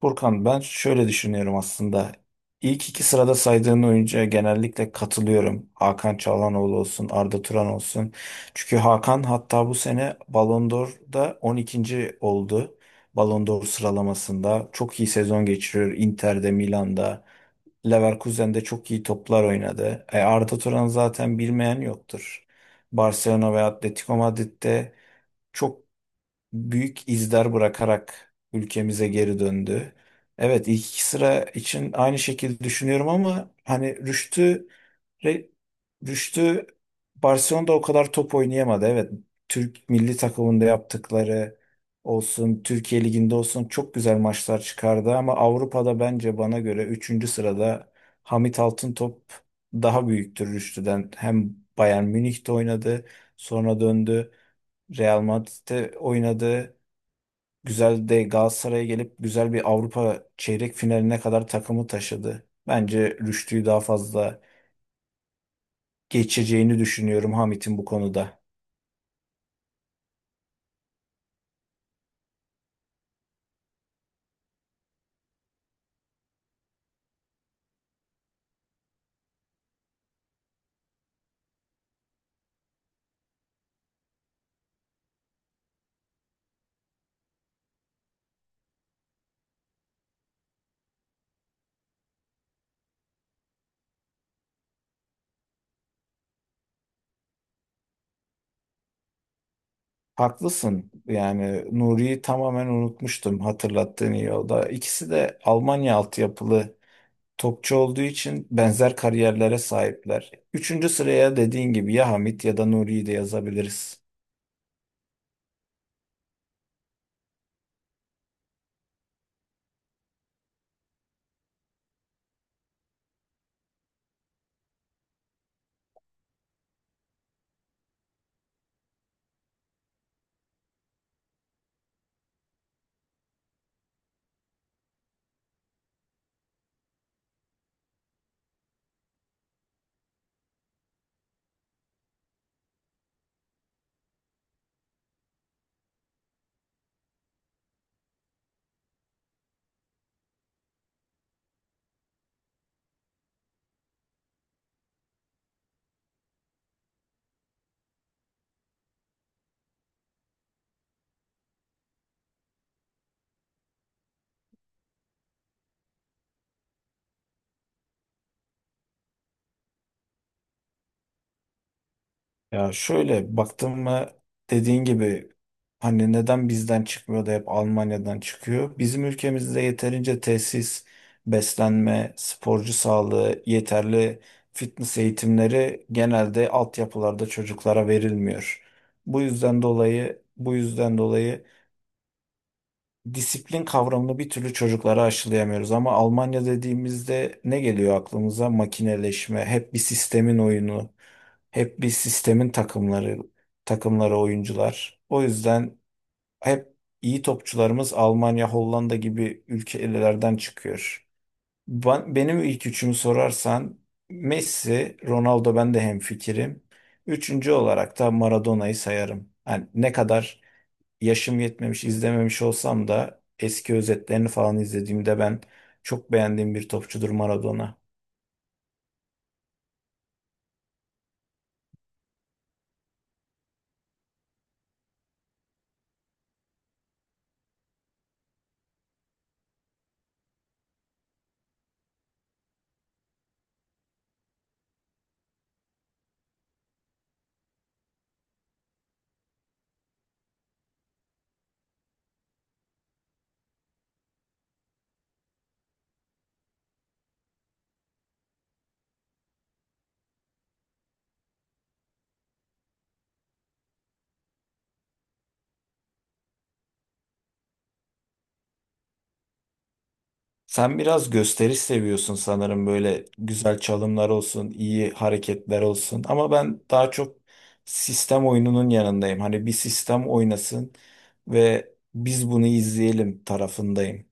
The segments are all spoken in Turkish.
Furkan ben şöyle düşünüyorum aslında. İlk iki sırada saydığın oyuncuya genellikle katılıyorum. Hakan Çalhanoğlu olsun, Arda Turan olsun. Çünkü Hakan hatta bu sene Ballon d'Or'da 12. oldu. Ballon d'Or sıralamasında çok iyi sezon geçiriyor. Inter'de, Milan'da, Leverkusen'de çok iyi toplar oynadı. E, Arda Turan zaten bilmeyen yoktur. Barcelona ve Atletico Madrid'de çok büyük izler bırakarak ülkemize geri döndü. Evet, ilk iki sıra için aynı şekilde düşünüyorum ama hani Re- Rüştü Barcelona'da o kadar top oynayamadı. Evet, Türk milli takımında yaptıkları olsun, Türkiye Ligi'nde olsun çok güzel maçlar çıkardı ama Avrupa'da bence bana göre üçüncü sırada Hamit Altıntop daha büyüktür Rüştü'den. Hem Bayern Münih'te oynadı, sonra döndü, Real Madrid'de oynadı. Güzel de Galatasaray'a gelip güzel bir Avrupa çeyrek finaline kadar takımı taşıdı. Bence Rüştü'yü daha fazla geçeceğini düşünüyorum Hamit'in bu konuda. Haklısın. Yani Nuri'yi tamamen unutmuştum, hatırlattığın iyi oldu. İkisi de Almanya altyapılı topçu olduğu için benzer kariyerlere sahipler. Üçüncü sıraya dediğin gibi ya Hamit ya da Nuri'yi de yazabiliriz. Ya şöyle baktım mı, dediğin gibi hani neden bizden çıkmıyor da hep Almanya'dan çıkıyor? Bizim ülkemizde yeterince tesis, beslenme, sporcu sağlığı, yeterli fitness eğitimleri genelde altyapılarda çocuklara verilmiyor. Bu yüzden dolayı disiplin kavramını bir türlü çocuklara aşılayamıyoruz. Ama Almanya dediğimizde ne geliyor aklımıza? Makineleşme, hep bir sistemin oyunu, hep bir sistemin takımları oyuncular. O yüzden hep iyi topçularımız Almanya, Hollanda gibi ülkelerden çıkıyor. Benim ilk üçümü sorarsan Messi, Ronaldo, ben de hemfikirim. Üçüncü olarak da Maradona'yı sayarım. Yani ne kadar yaşım yetmemiş, izlememiş olsam da eski özetlerini falan izlediğimde ben çok beğendiğim bir topçudur Maradona. Sen biraz gösteriş seviyorsun sanırım, böyle güzel çalımlar olsun, iyi hareketler olsun. Ama ben daha çok sistem oyununun yanındayım. Hani bir sistem oynasın ve biz bunu izleyelim tarafındayım.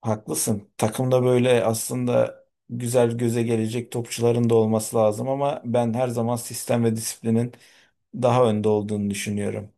Haklısın. Takımda böyle aslında güzel göze gelecek topçuların da olması lazım ama ben her zaman sistem ve disiplinin daha önde olduğunu düşünüyorum.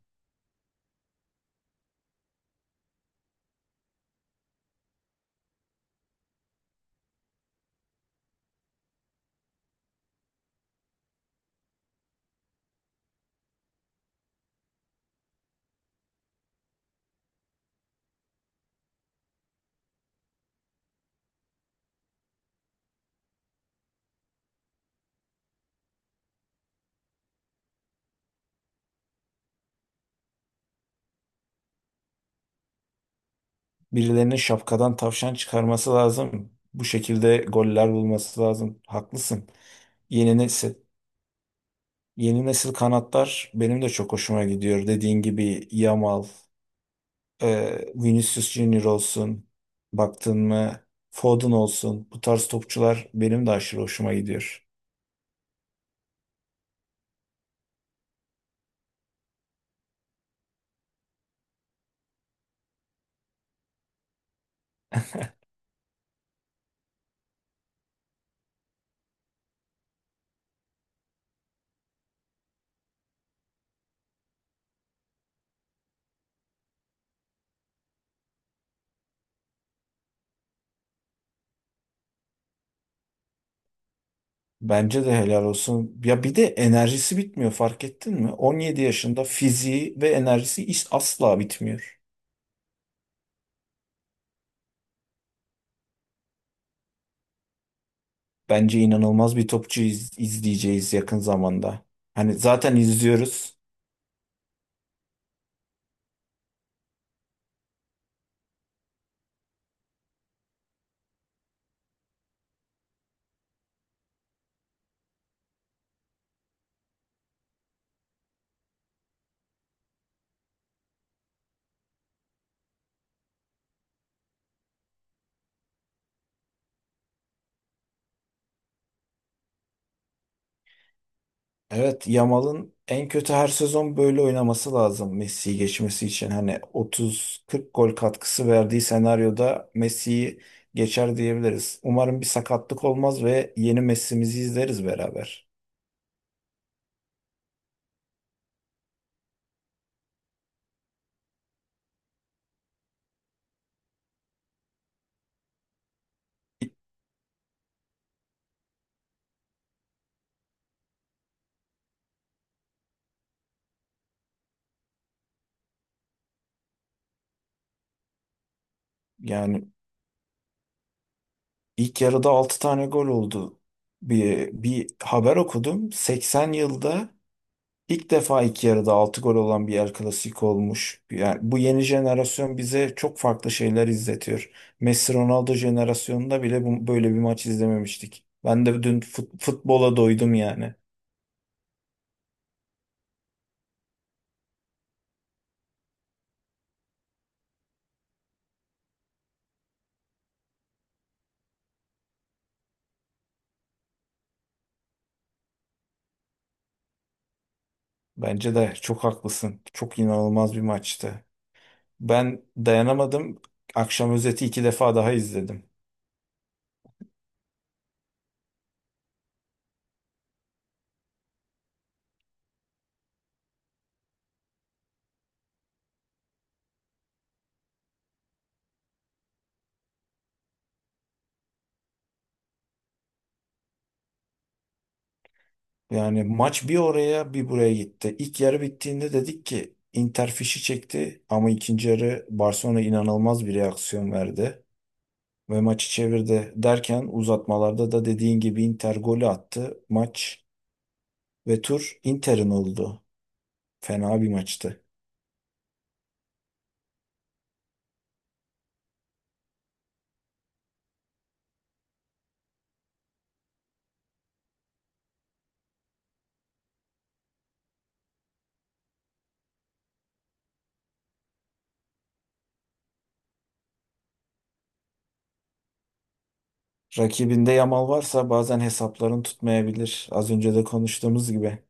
Birilerinin şapkadan tavşan çıkarması lazım. Bu şekilde goller bulması lazım. Haklısın. Yeni nesil, yeni nesil kanatlar benim de çok hoşuma gidiyor. Dediğin gibi Yamal, Vinicius Junior olsun, baktın mı Foden olsun. Bu tarz topçular benim de aşırı hoşuma gidiyor. Bence de helal olsun. Ya bir de enerjisi bitmiyor, fark ettin mi? 17 yaşında fiziği ve enerjisi asla bitmiyor. Bence inanılmaz bir topçu izleyeceğiz yakın zamanda. Hani zaten izliyoruz. Evet, Yamal'ın en kötü her sezon böyle oynaması lazım Messi'yi geçmesi için. Hani 30-40 gol katkısı verdiği senaryoda Messi'yi geçer diyebiliriz. Umarım bir sakatlık olmaz ve yeni Messi'mizi izleriz beraber. Yani İlk yarıda 6 tane gol oldu. Bir haber okudum. 80 yılda ilk defa ilk yarıda 6 gol olan bir El Clasico olmuş. Yani bu yeni jenerasyon bize çok farklı şeyler izletiyor. Messi Ronaldo jenerasyonunda bile böyle bir maç izlememiştik. Ben de dün futbola doydum yani. Bence de çok haklısın. Çok inanılmaz bir maçtı. Ben dayanamadım. Akşam özeti iki defa daha izledim. Yani maç bir oraya bir buraya gitti. İlk yarı bittiğinde dedik ki Inter fişi çekti ama ikinci yarı Barcelona inanılmaz bir reaksiyon verdi ve maçı çevirdi. Derken uzatmalarda da dediğin gibi Inter golü attı. Maç ve tur Inter'in oldu. Fena bir maçtı. Rakibinde Yamal varsa bazen hesapların tutmayabilir. Az önce de konuştuğumuz gibi.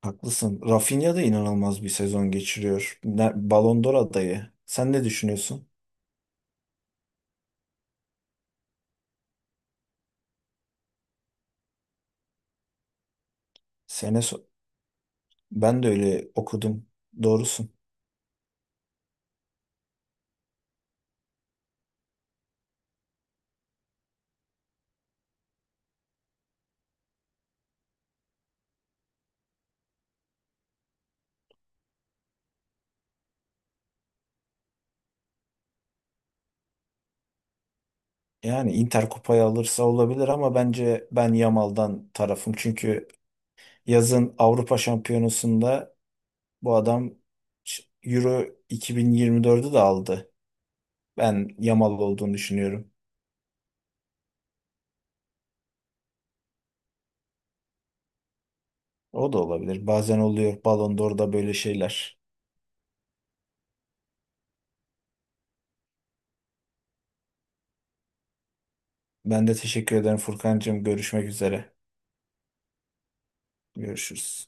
Haklısın. Rafinha da inanılmaz bir sezon geçiriyor. Ballon d'Or adayı. Sen ne düşünüyorsun? Sene so- Ben de öyle okudum. Doğrusun. Yani Inter kupayı alırsa olabilir ama bence ben Yamal'dan tarafım. Çünkü yazın Avrupa Şampiyonası'nda bu adam Euro 2024'ü de aldı. Ben Yamal olduğunu düşünüyorum. O da olabilir. Bazen oluyor Ballon d'Or'da böyle şeyler. Ben de teşekkür ederim Furkancığım. Görüşmek üzere. Görüşürüz.